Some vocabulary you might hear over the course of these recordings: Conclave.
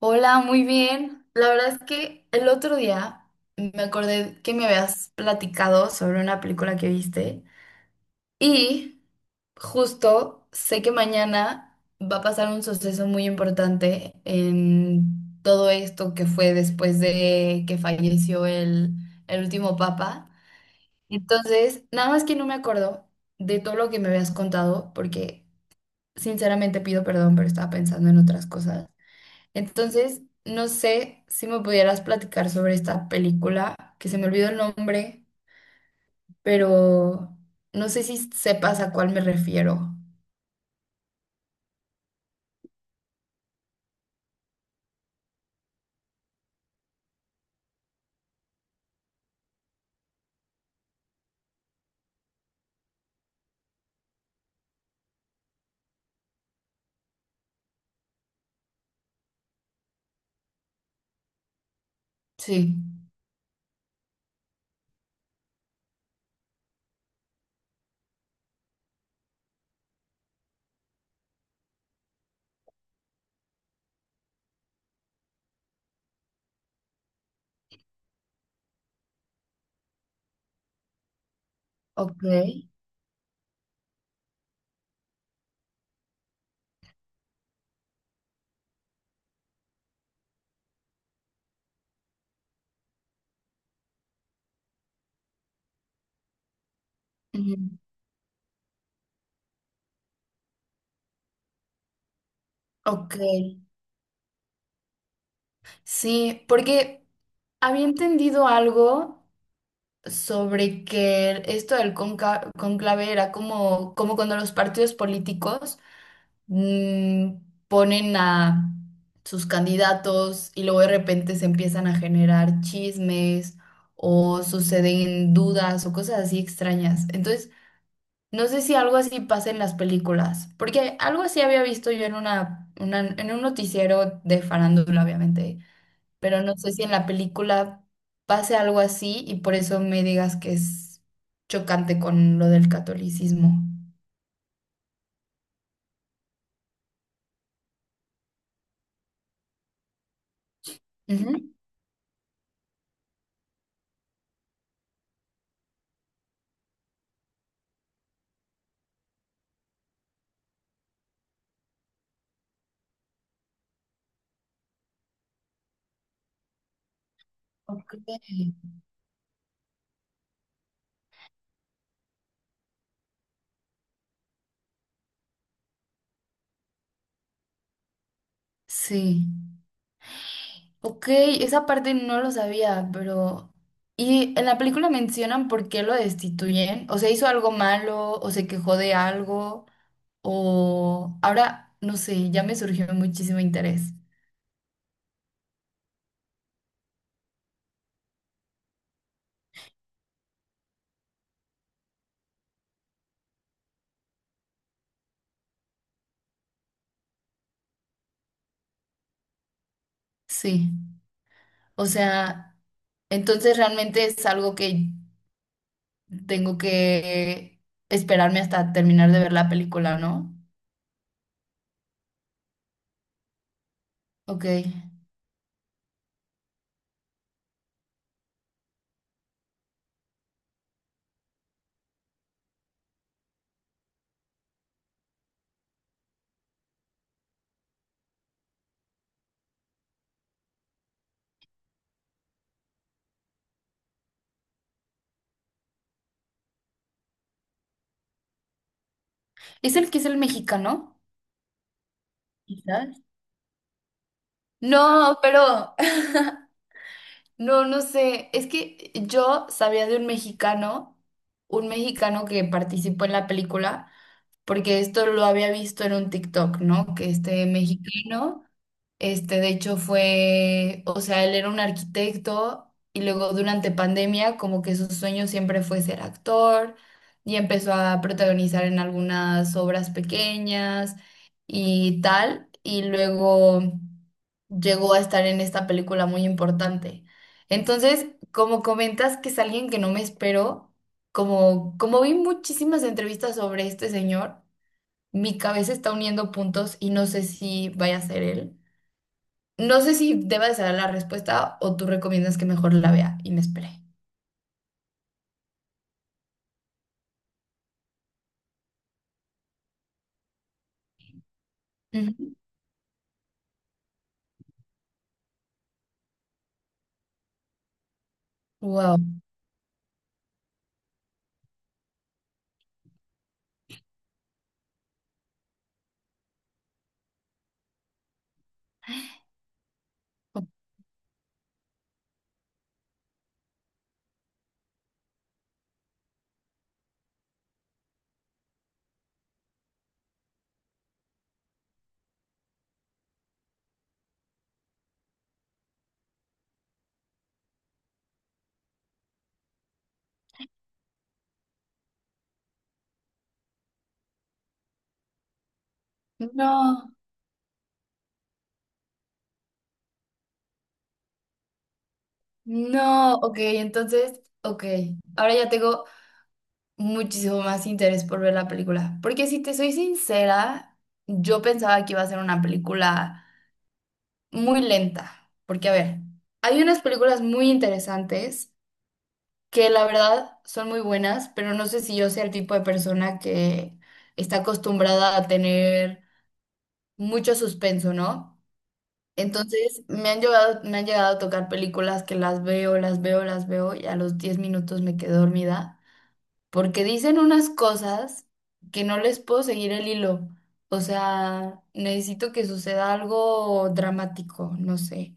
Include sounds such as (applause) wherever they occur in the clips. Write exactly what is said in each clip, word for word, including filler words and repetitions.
Hola, muy bien. La verdad es que el otro día me acordé que me habías platicado sobre una película que viste y justo sé que mañana va a pasar un suceso muy importante en todo esto que fue después de que falleció el, el último papa. Entonces, nada más que no me acuerdo de todo lo que me habías contado porque sinceramente pido perdón, pero estaba pensando en otras cosas. Entonces, no sé si me pudieras platicar sobre esta película, que se me olvidó el nombre, pero no sé si sepas a cuál me refiero. Sí. Ok. Ujú. Ok. Sí, porque había entendido algo sobre que esto del conca- cónclave era como, como cuando los partidos políticos mm, ponen a sus candidatos y luego de repente se empiezan a generar chismes o suceden dudas o cosas así extrañas. Entonces, no sé si algo así pasa en las películas, porque algo así había visto yo en una, una- en un noticiero de farándula, obviamente, pero no sé si en la película pase algo así y por eso me digas que es chocante con lo del catolicismo. Ujú. Ok. Sí. Ok, esa parte no lo sabía, pero... ¿Y en la película mencionan por qué lo destituyen? ¿O sea, hizo algo malo? ¿O se quejó de algo? O... Ahora, no sé, ya me surgió muchísimo interés. Sí, o sea, entonces realmente es algo que tengo que esperarme hasta terminar de ver la película, ¿no? Ok. ¿Es el que es el mexicano? Quizás. No, pero... No, no sé. Es que yo sabía de un mexicano, un mexicano que participó en la película, porque esto lo había visto en un TikTok, ¿no? Que este mexicano este, de hecho, fue, o sea, él era un arquitecto y luego durante pandemia como que su sueño siempre fue ser actor y empezó a protagonizar en algunas obras pequeñas y tal. Y luego llegó a estar en esta película muy importante. Entonces, como comentas que es alguien que no me espero, como, como vi muchísimas entrevistas sobre este señor, mi cabeza está uniendo puntos y no sé si vaya a ser él. No sé si deba de saber la respuesta o tú recomiendas que mejor la vea y me espere. Ujú. Wow. No, no, ok, entonces, ok. Ahora ya tengo muchísimo más interés por ver la película. Porque si te soy sincera, yo pensaba que iba a ser una película muy lenta. Porque, a ver, hay unas películas muy interesantes que la verdad son muy buenas, pero no sé si yo sea el tipo de persona que está acostumbrada a tener mucho suspenso, ¿no? Entonces me han llegado, me han llegado a tocar películas que las veo, las veo, las veo y a los diez minutos me quedo dormida porque dicen unas cosas que no les puedo seguir el hilo. O sea, necesito que suceda algo dramático, no sé.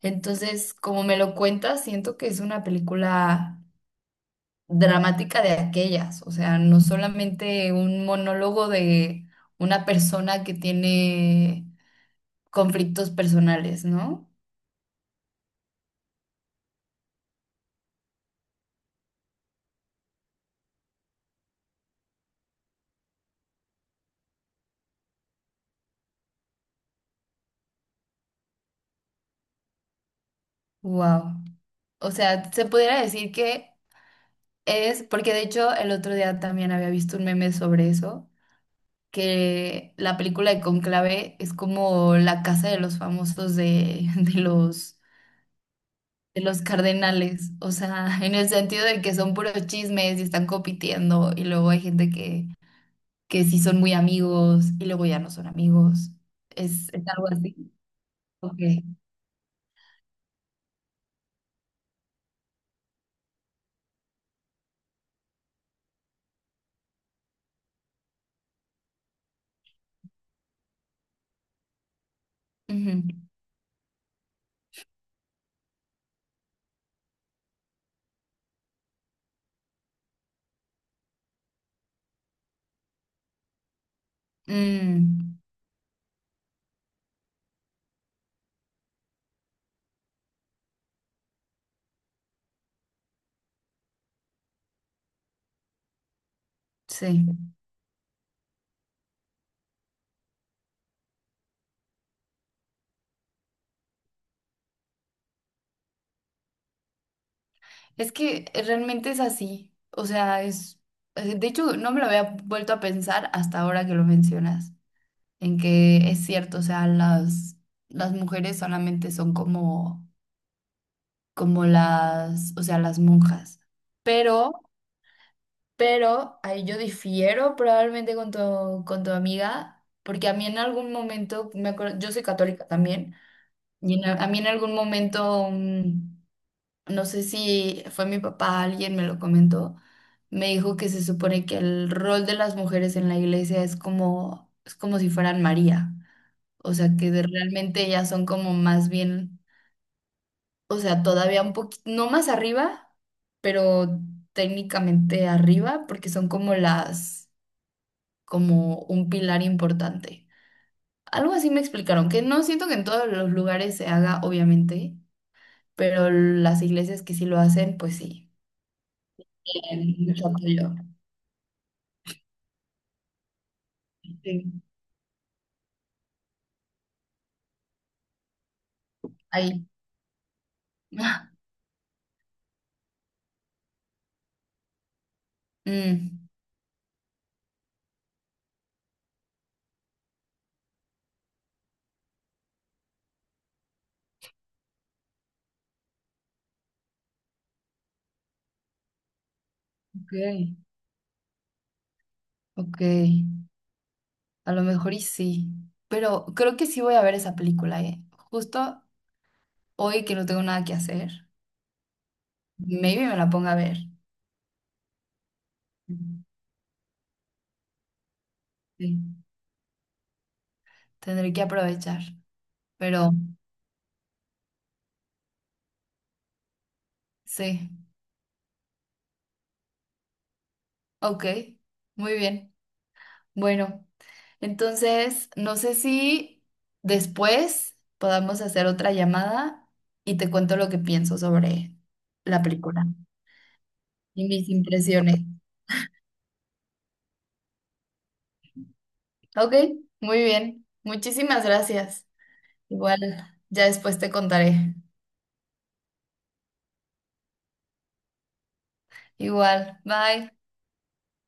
Entonces, como me lo cuentas, siento que es una película dramática de aquellas. O sea, no solamente un monólogo de una persona que tiene conflictos personales, ¿no? Wow. O sea, se pudiera decir que es, porque de hecho el otro día también había visto un meme sobre eso, que la película de Conclave es como la casa de los famosos de, (laughs) de los, de los cardenales, o sea, en el sentido de que son puros chismes y están compitiendo y luego hay gente que, que sí son muy amigos y luego ya no son amigos. Es, es algo así. Ok. Ujú. Mm, sí. Es que realmente es así. O sea, es... eh, De hecho, no me lo había vuelto a pensar hasta ahora que lo mencionas, en que es cierto, o sea, las, las mujeres solamente son como, como las, o sea, las monjas. Pero, pero, ahí yo difiero probablemente con tu, con tu amiga, porque a mí en algún momento, me acuerdo, yo soy católica también, y en a a mí en algún momento... mm, no sé si fue mi papá, alguien me lo comentó, me dijo que se supone que el rol de las mujeres en la iglesia es como, es como si fueran María, o sea que de- realmente ellas son como más bien, o sea, todavía un poquito, no más arriba, pero técnicamente arriba, porque son como las, como un pilar importante. Algo así me explicaron, que no siento que en todos los lugares se haga, obviamente, pero las iglesias que sí lo hacen, pues sí, tienen mucho apoyo. Sí. Ahí. Ah. Mm. Ok, ok, a lo mejor y sí. Pero creo que sí voy a ver esa película, ¿eh? Justo hoy que no tengo nada que hacer, maybe me la ponga a ver. Mm, sí. Tendré que aprovechar. Pero sí, ok, muy bien. Bueno, entonces no sé si después podamos hacer otra llamada y te cuento lo que pienso sobre la película y mis impresiones. Ok, muy bien. Muchísimas gracias. Igual, ya después te contaré. Igual, bye.